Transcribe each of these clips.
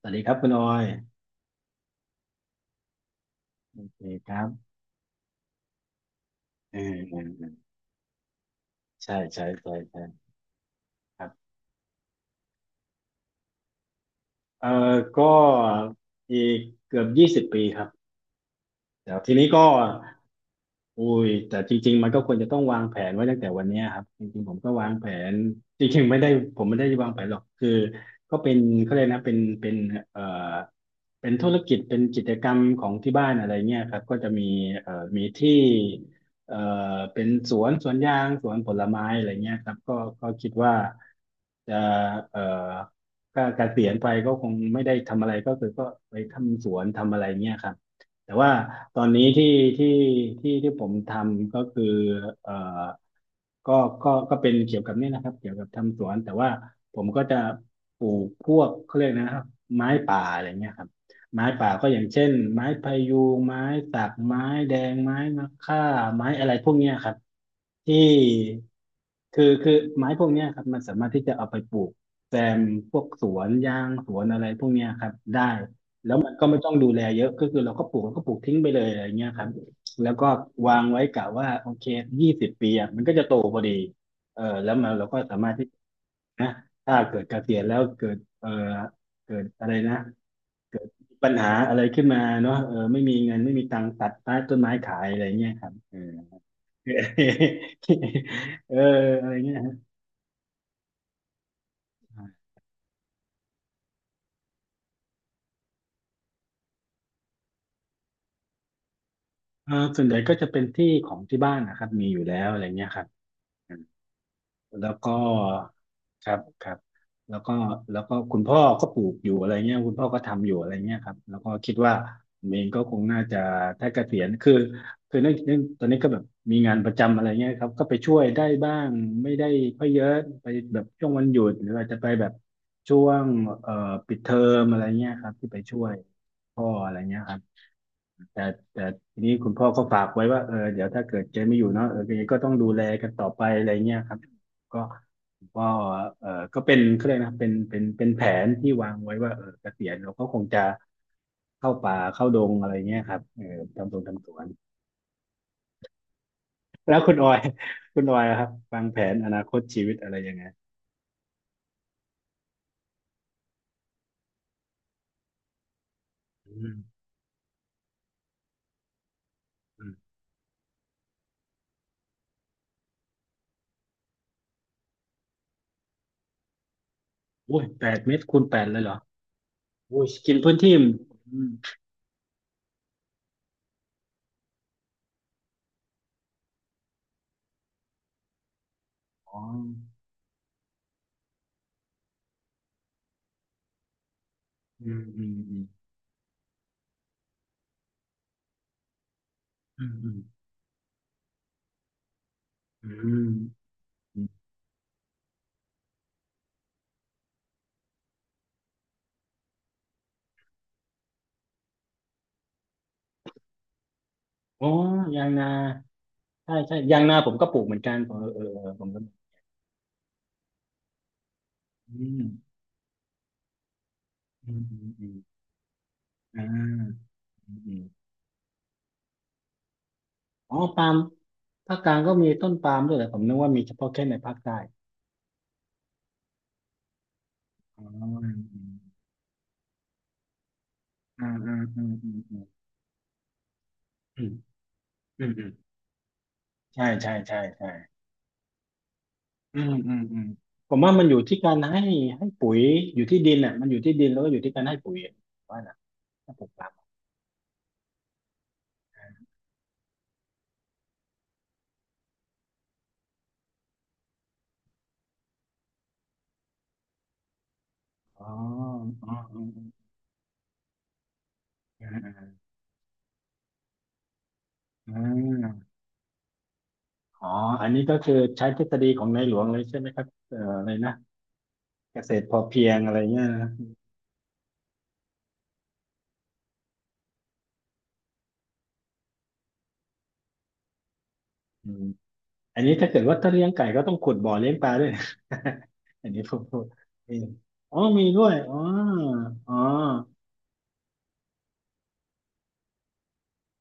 สวัสดีครับคุณออยโอเคครับเออเออเออใช่ใช่ใช่ใช่ครับเออก็อีกเกือบยี่สิบปีครับ แต่ทีนี้ก็ อุ้ยแต่จริงๆมันก็ควรจะต้องวางแผนไว้ตั้งแต่วันเนี้ยครับจริงๆผมก็วางแผนจริงๆไม่ได้ผมไม่ได้วางแผนหรอกคือก็เป็นเขาเรียกนะเอ่อเป็นธุรกิจเป็นกิจกรรมของที่บ้านอะไรเงี้ยครับก็จะมีเอ่อมีที่เอ่อเป็นสวนสวนยางสวนผลไม้อะไรเงี้ยครับก็คิดว่าจะเอ่อก็เกษียณไปก็คงไม่ได้ทำอะไรก็คือก็ไปทำสวนทำอะไรเงี้ยครับ แต่ว่าตอนนี้ที่ที่ที่ผมทำก็คือเอ่อก็ก็เป็นเกี่ยวกับนี่นะครับเกี่ยวกับทำสวนแต่ว่าผมก็จะปลูกพวกเขาเรียกนะครับไม้ป่าอะไรเงี้ยครับไม้ป่าก็อย่างเช่นไม้พะยูงไม้สักไม้แดงไม้มะค่าไม้อะไรพวกเนี้ยครับที่คือไม้พวกเนี้ยครับมันสามารถที่จะเอาไปปลูกแซมพวกสวนยางสวนอะไรพวกเนี้ยครับได้ ก็ไม่ต้องดูแลเยอะก็คือเราก็ปลูกเราก็ปลูกทิ้งไปเลยอะไรเงี้ยครับแล้วก็วางไว้กะว่าโอเคยี่สิบปีอ่ะมันก็จะโตพอดีเออแล้วมันเราก็สามารถที่นะถ้าเกิดเกษียณแล้วเกิดเออเกิดอะไรนะเกิดปัญหาอะไรขึ้นมาเนาะเออไม่มีเงินไม่มีตังค์ตัดใต้ต้นไม้ขายอะไรเงี้ยครับเออ เอออะไรเงี้ยฮะเออส่วนใหญ่ก็จะเป็นที่ของที่บ้านนะครับมีอยู่แล้วอะไรเงี้ยครับ แล้วก็ครับครับแล้วก็แล้วก็คุณพ่อก็ปลูกอยู่อะไรเงี้ยคุณพ่อก็ทำอยู่อะไรเงี้ยครับแล้วก็คิดว่าผมเองก็คงน่าจะถ้าเกษียณคือคือเนื่องตอนนี้ก็แบบมีงานประจำอะไรเงี้ยครับก็ไปช่วยได้บ้างไม่ได้ค่อยเยอะไปแบบช่วงวันหยุดหรืออาจจะไปแบบช่วงเอ่อปิดเทอมอะไรเงี้ยครับที่ไปช่วยพ่ออะไรเงี้ยครับ แต่แต่ทีนี้คุณพ่อก็ฝากไว้ว่าเออเดี๋ยวถ้าเกิดเจไม่อยู่เนาะเออแกก็ต้องดูแลกันต่อไปอะไรเงี้ยครับก็คุณพ่อเออก็เป็นเขาเรียกนะเป็นแผนที่วางไว้ว่าเออเกษียณเราก็คงจะเข้าป่าเข้าดงอะไรเงี้ยครับเออทำสวนทำสวนแล้วคุณออย คุณออยอะครับวางแผนอนาคตชีวิตอะไรยังไงอืมอืมอุ้ย8 เมตรคูณ 8เลยเหรออุ้ยกินพื้นที่อืมอ๋ออืมอืมอืมอืมอืมอืม อ๋อยางนาใช่ใช่ยางนาผมก็ปลูกเหมือนกันผมเออเออเออผมก็อืมอืมอืมอืมอ่าอืมอืมอ๋อปาล์มภาคกลางก็มีต้นปาล์มด้วยเหรอผมนึกว่ามีเฉพาะแค่ในภาคใต้อ๋ออืมอืมอืมอืมอืมอืมอืมอืมอืมใช่ใช่ใช่ใช่อืมอืมอืมผมว่ามันอยู่ที่การให้ให้ปุ๋ยอยู่ที่ดินอ่ะมันอยู่ที่ดินแล้วก็อยู่ที่การให้ปุ๋ยว่านะถ้าปลูกปาล์มอ๋ออ๋ออ๋ออ๋ออ๋อ อ๋ออันนี้ก็คือใช้ทฤษฎีของในหลวงเลยใช่ไหมครับอะไรนะเกษตรพอเพียงอะไรเงี้ยนะอืมอันนี้ถ้าเกิดว่าถ้าเลี้ยงไก่ก็ต้องขุดบ่อเลี้ยงปลาด้วย อันนี้ผมพูดเองอ๋อมีด้วย อ๋ออ๋อ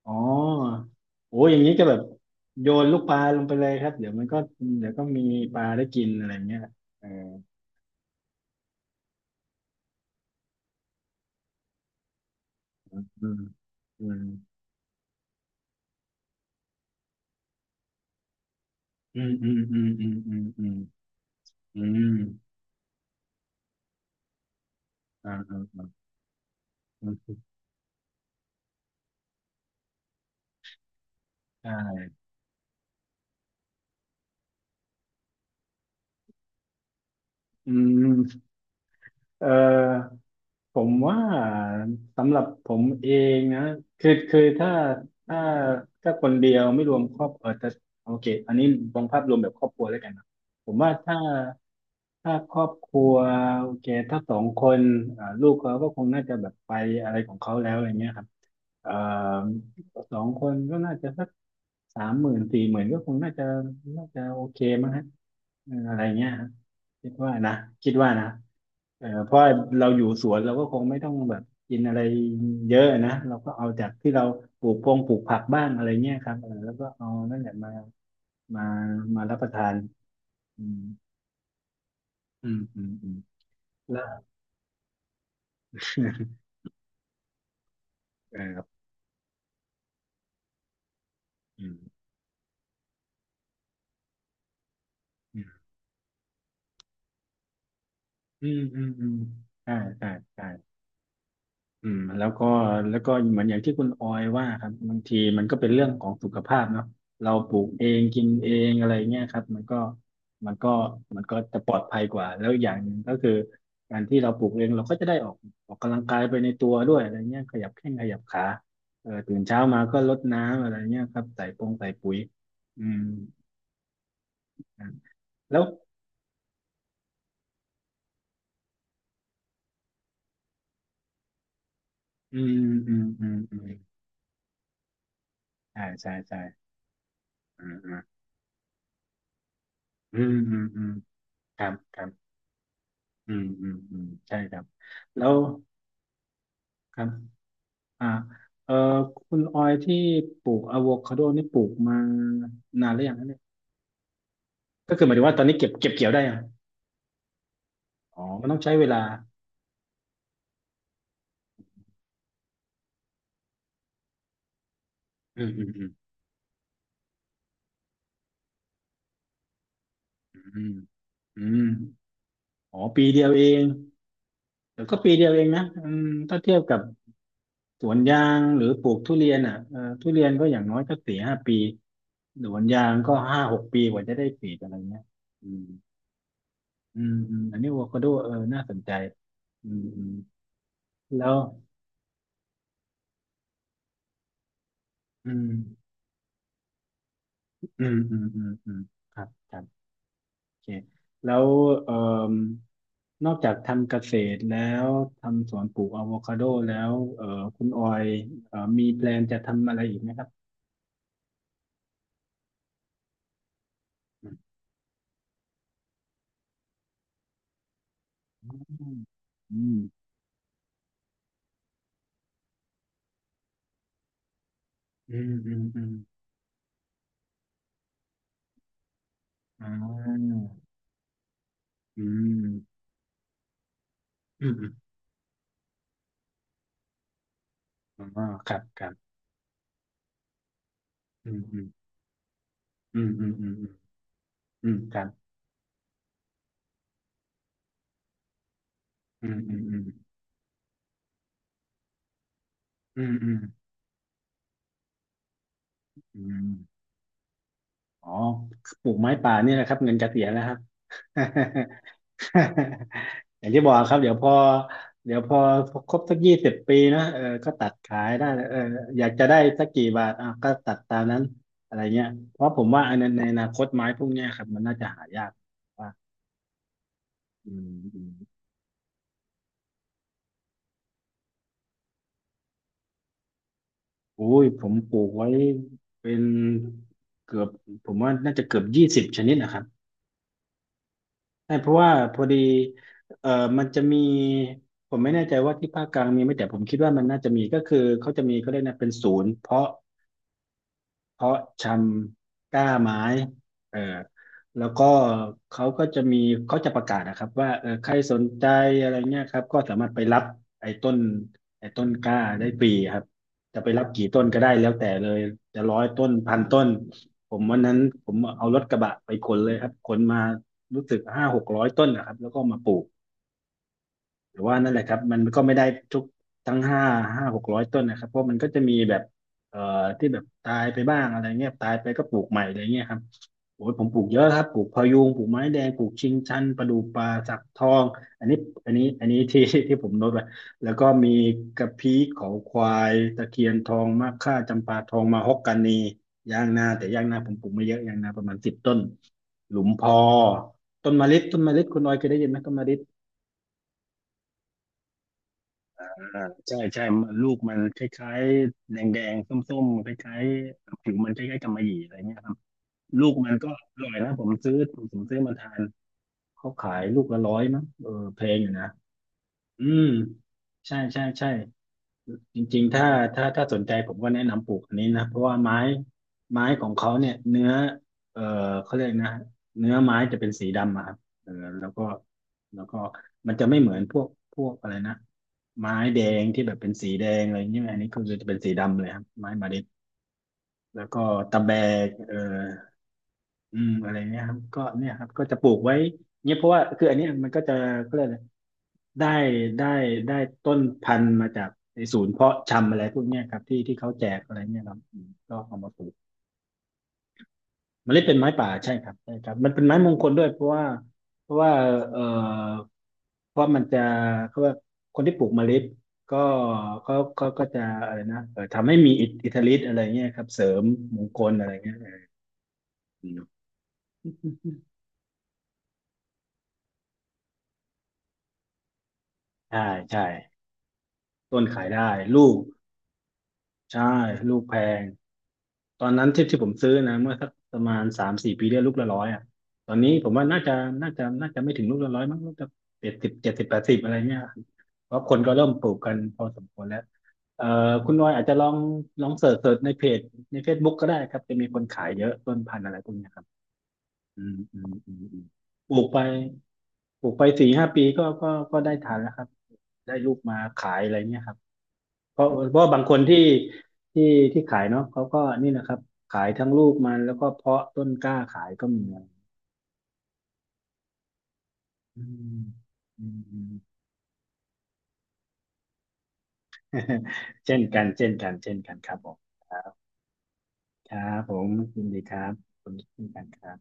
อ๋อโอ้อย่างนี้ก็แบบโยนลูกปลาลงไปเลยครับ เดี๋ยวมันก็เดี๋ยวก็มีปลาได้กินอะไรเงี้ยเอออืมอืมอืมอืมอืมอืมอืมอืมอืมอ่าอ่าอ่าอืมใช่อืมเออ ผมว่าสำหรับผมเองนะคือคือถ้าถ้าถ้าคนเดียวไม่รวมครอบเออแต่โอเคอันนี้มองภาพรวมแบบครอบครัวแล้วกันนะผมว่าถ้าครอบครัวโอเคถ้าสองคนอ่าลูกเขาก็คงน่าจะแบบไปอะไรของเขาแล้วอะไรเงี้ยครับเอ่อสองคนก็น่าจะสัก30,000 40,000ก็คงน่าจะน่าจะโอเคมั้งฮะเอออะไรเงี้ย คิดว่านะคิดว่านะเออเพราะเราอยู่สวนเราก็คงไม่ต้องแบบกินอะไรเยอะนะเราก็เอาจากที่เราปลูกพงปลูกผักบ้างอะไรเงี้ยครับเออแล้วก็เอานั่นแหละมามามารับประทานอืมอืมอืมอืมแล้ว เออครับอืมอืมอืมอืมอืมใช่ใช่ใช่ อืมแล้วก็เหมือนอย่างที่คุณออยว่าครับบางทีมันก็เป็นเรื่องของสุขภาพเนาะเราปลูกเองกินเองอะไรเงี้ยครับมันก็มันก็จะปลอดภัยกว่าแล้วอย่างหนึ่งก็คือการที่เราปลูกเองเราก็จะได้ออกกำลังกายไปในตัวด้วยอะไรเงี้ยขยับแข้งขยับขาเออตื่นเช้ามาก็รดน้ำอะไรเงี้ยครับใส่ปุ๋ยอืมอ่ะแล้วอืมอืมอืมอืมใช่ใช่ใช่อืมอืมอืมอืมอืมครับ อืมอืมอืมใช่ครับแล้วครับอ่าเออคุณออยที่ปลูกอะโวคาโดนี่ปลูกมานานหรือยังนะเนี่ยก็คือหมายถึงว่าตอนนี้เก็บเกี่ยวได้ยังอ๋อมันต้องใช้เวลาอืมอืมอืมอืมอืมอ๋อปีเดียวเองเดี๋ยวก็ปีเดียวเองนะอืมถ้าเทียบกับสวนยางหรือปลูกทุเรียนอ่ะเออทุเรียนก็อย่างน้อยก็สี่ห้าปีสวนยางก็5-6 ปีกว่าจะได้ผลีอะไรเงี้ยอืมอืมอืมอันนี้อะโวคาโดเออน่าสนใจอืม แล้วอืมอืมอืมอืมอืมครับครับโอเคแล้วเอ่มนอกจากทำเกษตรแล้วทำสวนปลูกอะโวคาโดแล้วคุณออยมีแพลนจะทำอะไรอีกไหมครับอืมอืมอืมอืมอืมอาอืมอืมอืมอ๋อครับครับอืมอืมอืมอืมอืมอืมครับอืมอืมอืมอืมอืมอืม อ๋อปลูกไม้ป่าเนี่ยแหละครับเงินระเสียณแล้วครับ อย่างที่บอกครับเดี๋ยวพอครบสัก20 ปีนะเออก็ตัดขายได้เอออยากจะได้สักกี่บาทอ่ะก็ตัดตามนั้นอะไรเงี้ย เพราะผมว่าอันนั้นในอนาคตไม้พวกเนี้ยครับมันน่าจะหายากว่าอืมอืมโอุ้ย ผมปลูกไว้เป็นเกือบผมว่าน่าจะเกือบ20 ชนิดนะครับ ใช่เพราะว่าพอดีเอ่อมันจะมีผมไม่แน่ใจว่าที่ภาคกลางมีไหมแต่ผมคิดว่ามันน่าจะมีก็คือเขาจะมีเขาเรียกนะเป็นศูนย์เพาะชำกล้าไม้เออแล้วก็เขาก็จะมีเขาจะประกาศนะครับว่าเออใครสนใจอะไรเงี้ยครับก็สามารถไปรับไอ้ต้นไอ้ต้นกล้าได้ฟรีครับจะไปรับกี่ต้นก็ได้แล้วแต่เลยจะร้อยต้นพันต้นผมวันนั้นผมเอารถกระบะไปขนเลยครับขนมารู้สึกห้าหกร้อยต้นนะครับแล้วก็มาปลูก แต่ว่านั่นแหละครับมันก็ไม่ได้ทุกทั้งห้าหกร้อยต้นนะครับเพราะมันก็จะมีแบบเอ่อที่แบบตายไปบ้างอะไรเงี้ยตายไปก็ปลูกใหม่อะไรเงี้ยครับโอ้ยผมปลูกเยอะครับปลูกพะยูงปลูกไม้แดงปลูกชิงชันประดู่ป่าสักทองอันนี้อันนี้ ที่ที่ผมโน้ตไว้แล้วก็มีกระพี้เขาควายตะเคียนทองมะค่าจำปาทองมาฮอกกานียางนาแต่ยางนาผมปลูกไม่เยอะยางนาประมาณ10 ต้นหลุมพอต้นมะลิคุณออยเคยได้ยินไหมต้นมะลิ อ่าใช่ใช่มันลูกมันคล้ายๆแดงแดงส้มๆคล้ายๆผิวมันคล้ายๆกำมะหยี่อะไรเงี้ยครับลูกมันก็อร่อยนะผมซื้อมาทานเขาขายลูกละร้อยมั้งเออแพงอยู่นะอืมใช่ใช่ใช่ จริงๆถ้าสนใจผมก็แนะนำปลูกอันนี้นะเพราะว่าไม้ของเขาเนี่ยเออเขาเรียกนะเนื้อไม้จะเป็นสีดำอะครับเออแล้วก็แล้วก็มันจะไม่เหมือนพวกอะไรนะไม้แดงที่แบบเป็นสีแดงอะไรอย่างเงี้ยอันนี้คือจะเป็นสีดำเลยครับไม้มาดิบแล้วก็ตะแบกเออ อืมอะไรเงี้ยครับก็เนี่ยครับก็จะปลูกไว้เนี้ยเพราะว่าคืออันเนี้ยมันก็จะก็เลยกอะไรได้ได้ได้ต้นพันธุ์มาจากไอ้ศูนย์เพาะชำอะไรพวกเนี้ยครับที่เขาแจกอะไรเงี้ยครับอืมก็เอามาปลูกเมล็ดเป็นไม้ป่าใช่ครับใช่ครับมันเป็นไม้มงคลด้วยเพราะว่าเพราะว่าเอ่อเพราะมันจะเขาว่าคนที่ปลูกเมล็ดก็เขาก็จะอะไรนะทำให้มีอิทธิฤทธิ์อะไรเงี้ยครับเสริมมงคลอะไรเงี้ยเอออืมใช่ใช่ ต้นขายได้ลูกใช่ลูกแพงตอนนั้นที่ที่ผมซื้อนะเมื่อสักประมาณ3-4 ปีได้ลูกละร้อยอ่ะตอนนี้ผมว่าน่าจะไม่ถึงลูกละร้อยมั้งลูกจะเจ็ดสิบเจ็ดสิบ80อะไรเนี่ยเพราะคนก็เริ่มปลูกกันพอสมควรแล้วเอ่อคุณนอยอาจจะลองเสิร์ชในเพจใน Facebook ก็ได้ครับจะมีคนขายเยอะต้นพันธุ์อะไรพวกเนี้ยครับอืมอืมอืมอืมปลูกไปปลูกไปสี่ห้าปีก็ได้ทานแล้วครับได้ลูกมาขายอะไรเนี่ยครับ เพราะบางคนที่ที่ที่ขายเนาะเขาก็นี่นะครับขายทั้งลูกมันแล้วก็เพาะต้นกล้าขายก็มีนะอืมอืมอืม เช่นกันเช่นกันเช่นกันครับผมครับครับผมยินดีครับขอบคุณเช่นกันครับ